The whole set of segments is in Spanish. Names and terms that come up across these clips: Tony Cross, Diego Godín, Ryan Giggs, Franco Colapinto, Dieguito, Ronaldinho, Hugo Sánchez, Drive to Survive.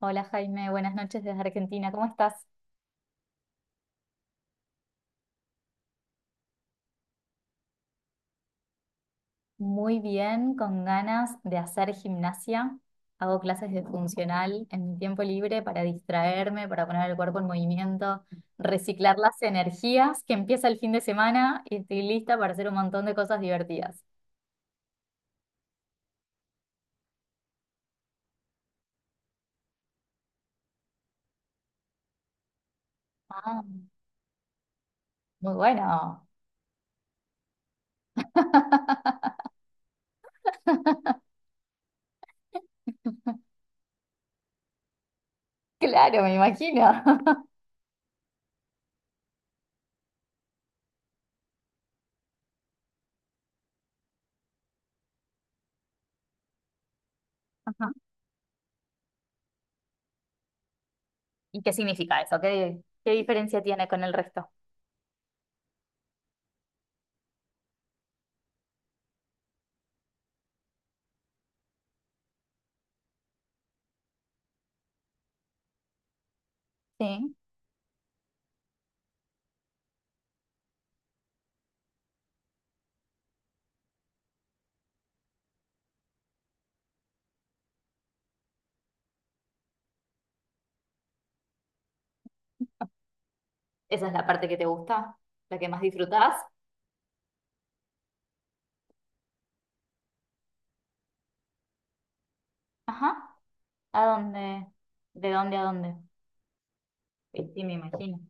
Hola Jaime, buenas noches desde Argentina. ¿Cómo estás? Muy bien, con ganas de hacer gimnasia. Hago clases de funcional en mi tiempo libre para distraerme, para poner el cuerpo en movimiento, reciclar las energías que empieza el fin de semana y estoy lista para hacer un montón de cosas divertidas. Ah, muy bueno. Claro, me imagino. Ajá. ¿Y qué significa eso? ¿Qué diferencia tiene con el resto? Sí. ¿Esa es la parte que te gusta? ¿La que más disfrutás? Ajá. ¿A dónde? ¿De dónde a dónde? Sí, me imagino.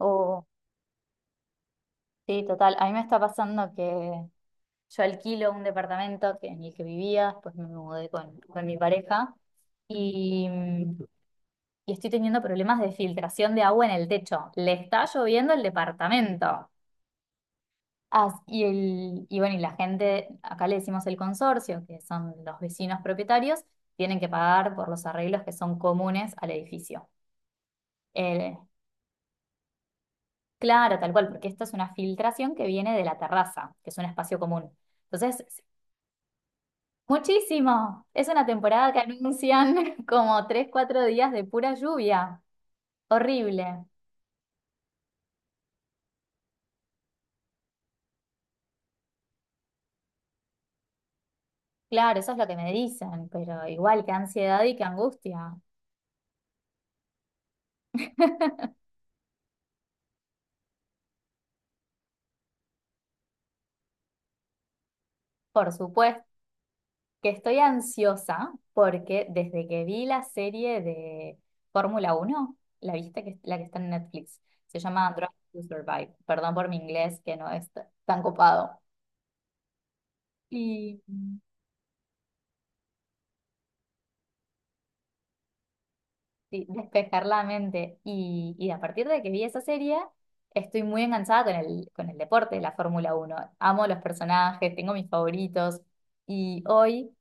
Oh, sí, total. A mí me está pasando que yo alquilo un departamento en el que vivía, después me mudé con mi pareja y, y estoy teniendo problemas de filtración de agua en el techo. Le está lloviendo el departamento. Y bueno, y la gente, acá le decimos el consorcio, que son los vecinos propietarios, tienen que pagar por los arreglos que son comunes al edificio. Claro, tal cual, porque esta es una filtración que viene de la terraza, que es un espacio común. Entonces, muchísimo. Es una temporada que anuncian como tres, cuatro días de pura lluvia. Horrible. Claro, eso es lo que me dicen, pero igual qué ansiedad y qué angustia. Por supuesto que estoy ansiosa porque desde que vi la serie de Fórmula Uno, la viste que la que está en Netflix, se llama Drive to Survive. Perdón por mi inglés que no es tan copado. Y sí, despejar la mente. Y a partir de que vi esa serie, estoy muy enganchada con el deporte, la Fórmula Uno. Amo los personajes, tengo mis favoritos. Y hoy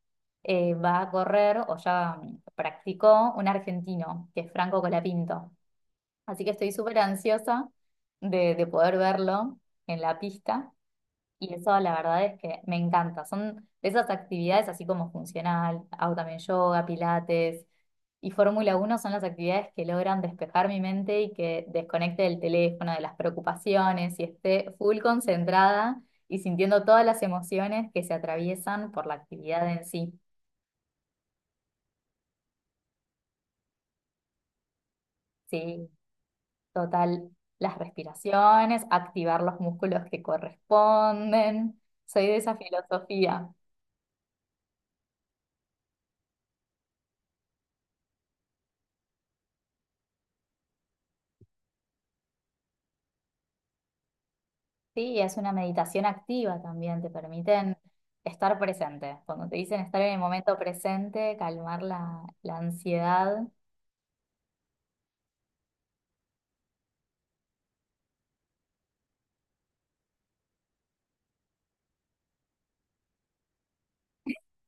va a correr, o ya practicó, un argentino, que es Franco Colapinto. Así que estoy súper ansiosa de poder verlo en la pista. Y eso la verdad es que me encanta. Son de esas actividades así como funcional, hago también yoga, pilates y Fórmula 1 son las actividades que logran despejar mi mente y que desconecte del teléfono, de las preocupaciones y esté full concentrada y sintiendo todas las emociones que se atraviesan por la actividad en sí. Sí, total. Las respiraciones, activar los músculos que corresponden. Soy de esa filosofía. Sí, es una meditación activa también, te permiten estar presente. Cuando te dicen estar en el momento presente, calmar la ansiedad,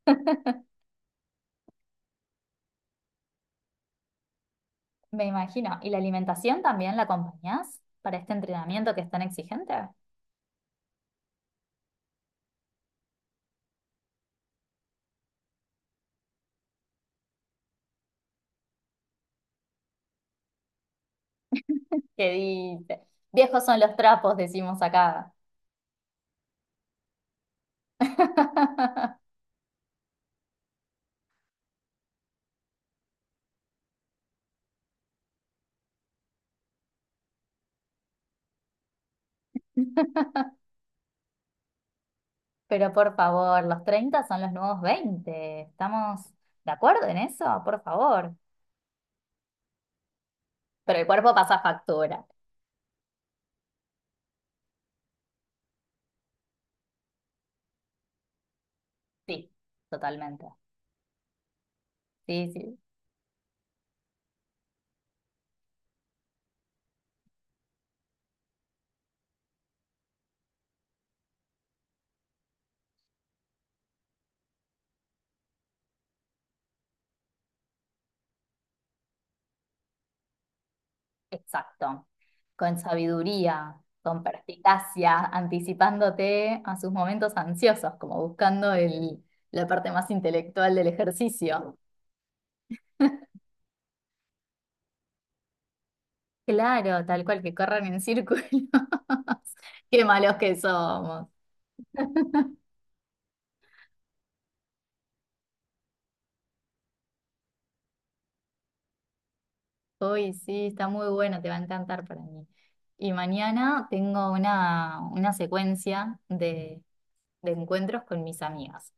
me imagino. ¿Y la alimentación también la acompañás para este entrenamiento que es tan exigente? ¿Qué dice? Viejos son los trapos, decimos acá. Pero por favor, los 30 son los nuevos 20. ¿Estamos de acuerdo en eso? Por favor. Pero el cuerpo pasa factura. Sí, totalmente. Sí, sí. Exacto. Con sabiduría, con perspicacia, anticipándote a sus momentos ansiosos, como buscando la parte más intelectual del ejercicio. Claro, tal cual, que corran en círculos. Qué malos que somos. Uy, sí, está muy bueno, te va a encantar para mí. Y mañana tengo una secuencia de encuentros con mis amigas,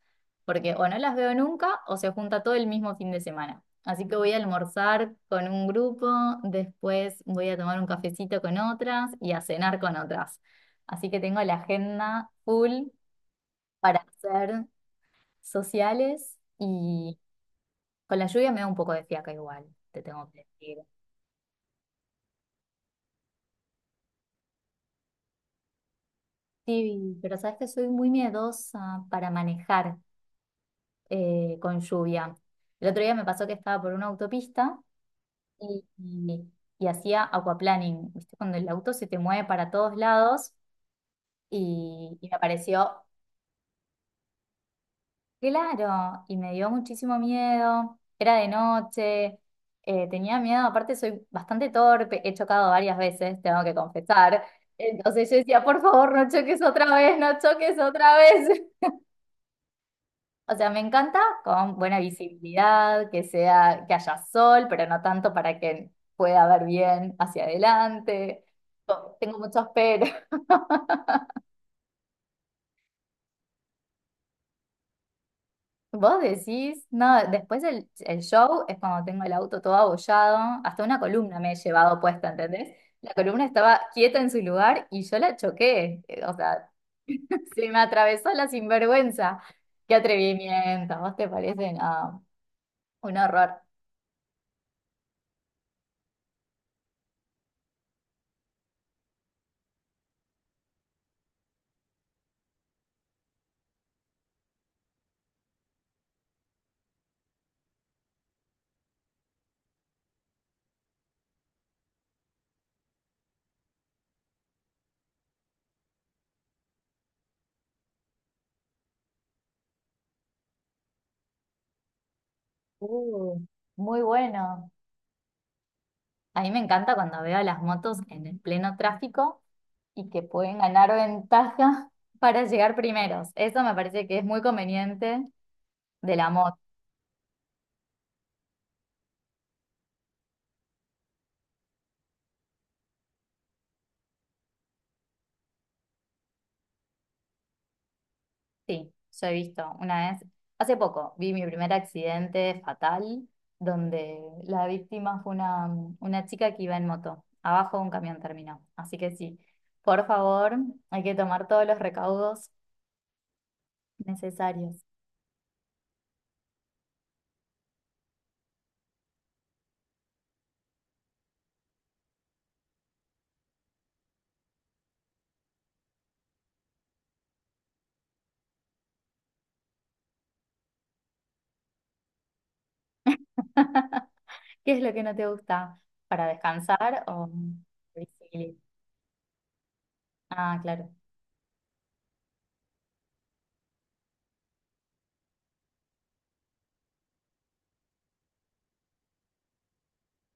porque o no las veo nunca o se junta todo el mismo fin de semana. Así que voy a almorzar con un grupo, después voy a tomar un cafecito con otras y a cenar con otras. Así que tengo la agenda full para ser sociales y con la lluvia me da un poco de fiaca igual, te tengo que decir. Sí, pero sabes que soy muy miedosa para manejar con lluvia. El otro día me pasó que estaba por una autopista y, y- y hacía aquaplaning, ¿viste? Cuando el auto se te mueve para todos lados y me pareció, claro, y me dio muchísimo miedo, era de noche, tenía miedo, aparte soy bastante torpe, he chocado varias veces, tengo que confesar, entonces yo decía, por favor, no choques otra vez, no choques otra vez. O sea, me encanta con buena visibilidad, que sea, que haya sol, pero no tanto para que pueda ver bien hacia adelante. Oh, tengo muchos pero. Vos decís, no, después el show es cuando tengo el auto todo abollado, hasta una columna me he llevado puesta, ¿entendés? La columna estaba quieta en su lugar y yo la choqué. O sea, se me atravesó la sinvergüenza. Qué atrevimiento, ¿vos te parece? No, un horror. Uh, muy bueno. A mí me encanta cuando veo a las motos en el pleno tráfico y que pueden ganar ventaja para llegar primeros. Eso me parece que es muy conveniente de la moto. Sí, yo he visto una vez, hace poco, vi mi primer accidente fatal donde la víctima fue una chica que iba en moto. Abajo de un camión terminó. Así que sí, por favor, hay que tomar todos los recaudos necesarios. ¿Qué es lo que no te gusta para descansar o... visibilizar? Ah, claro.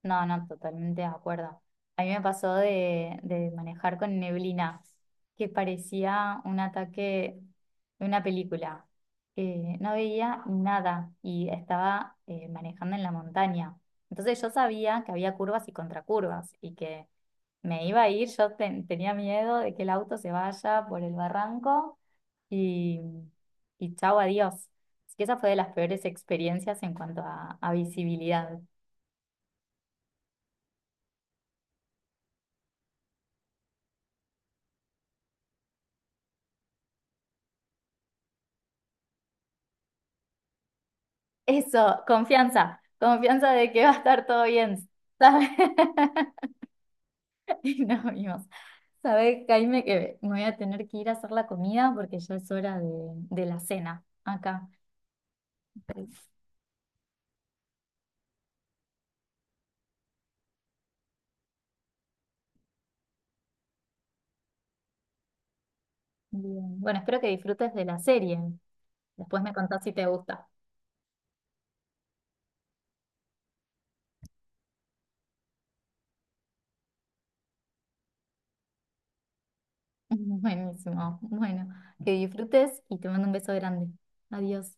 No, no, totalmente de acuerdo. A mí me pasó de manejar con neblina, que parecía un ataque de una película. No veía nada y estaba manejando en la montaña. Entonces yo sabía que había curvas y contracurvas y que me iba a ir. Yo tenía miedo de que el auto se vaya por el barranco y, y chao, adiós. Así que esa fue de las peores experiencias en cuanto a visibilidad. Eso, confianza, confianza de que va a estar todo bien, ¿sabes? Y nos vimos. ¿Sabes, Jaime, que me voy a tener que ir a hacer la comida porque ya es hora de la cena acá. Bien. Bueno, espero que disfrutes de la serie. Después me contás si te gusta. Buenísimo. Bueno, que disfrutes y te mando un beso grande. Adiós.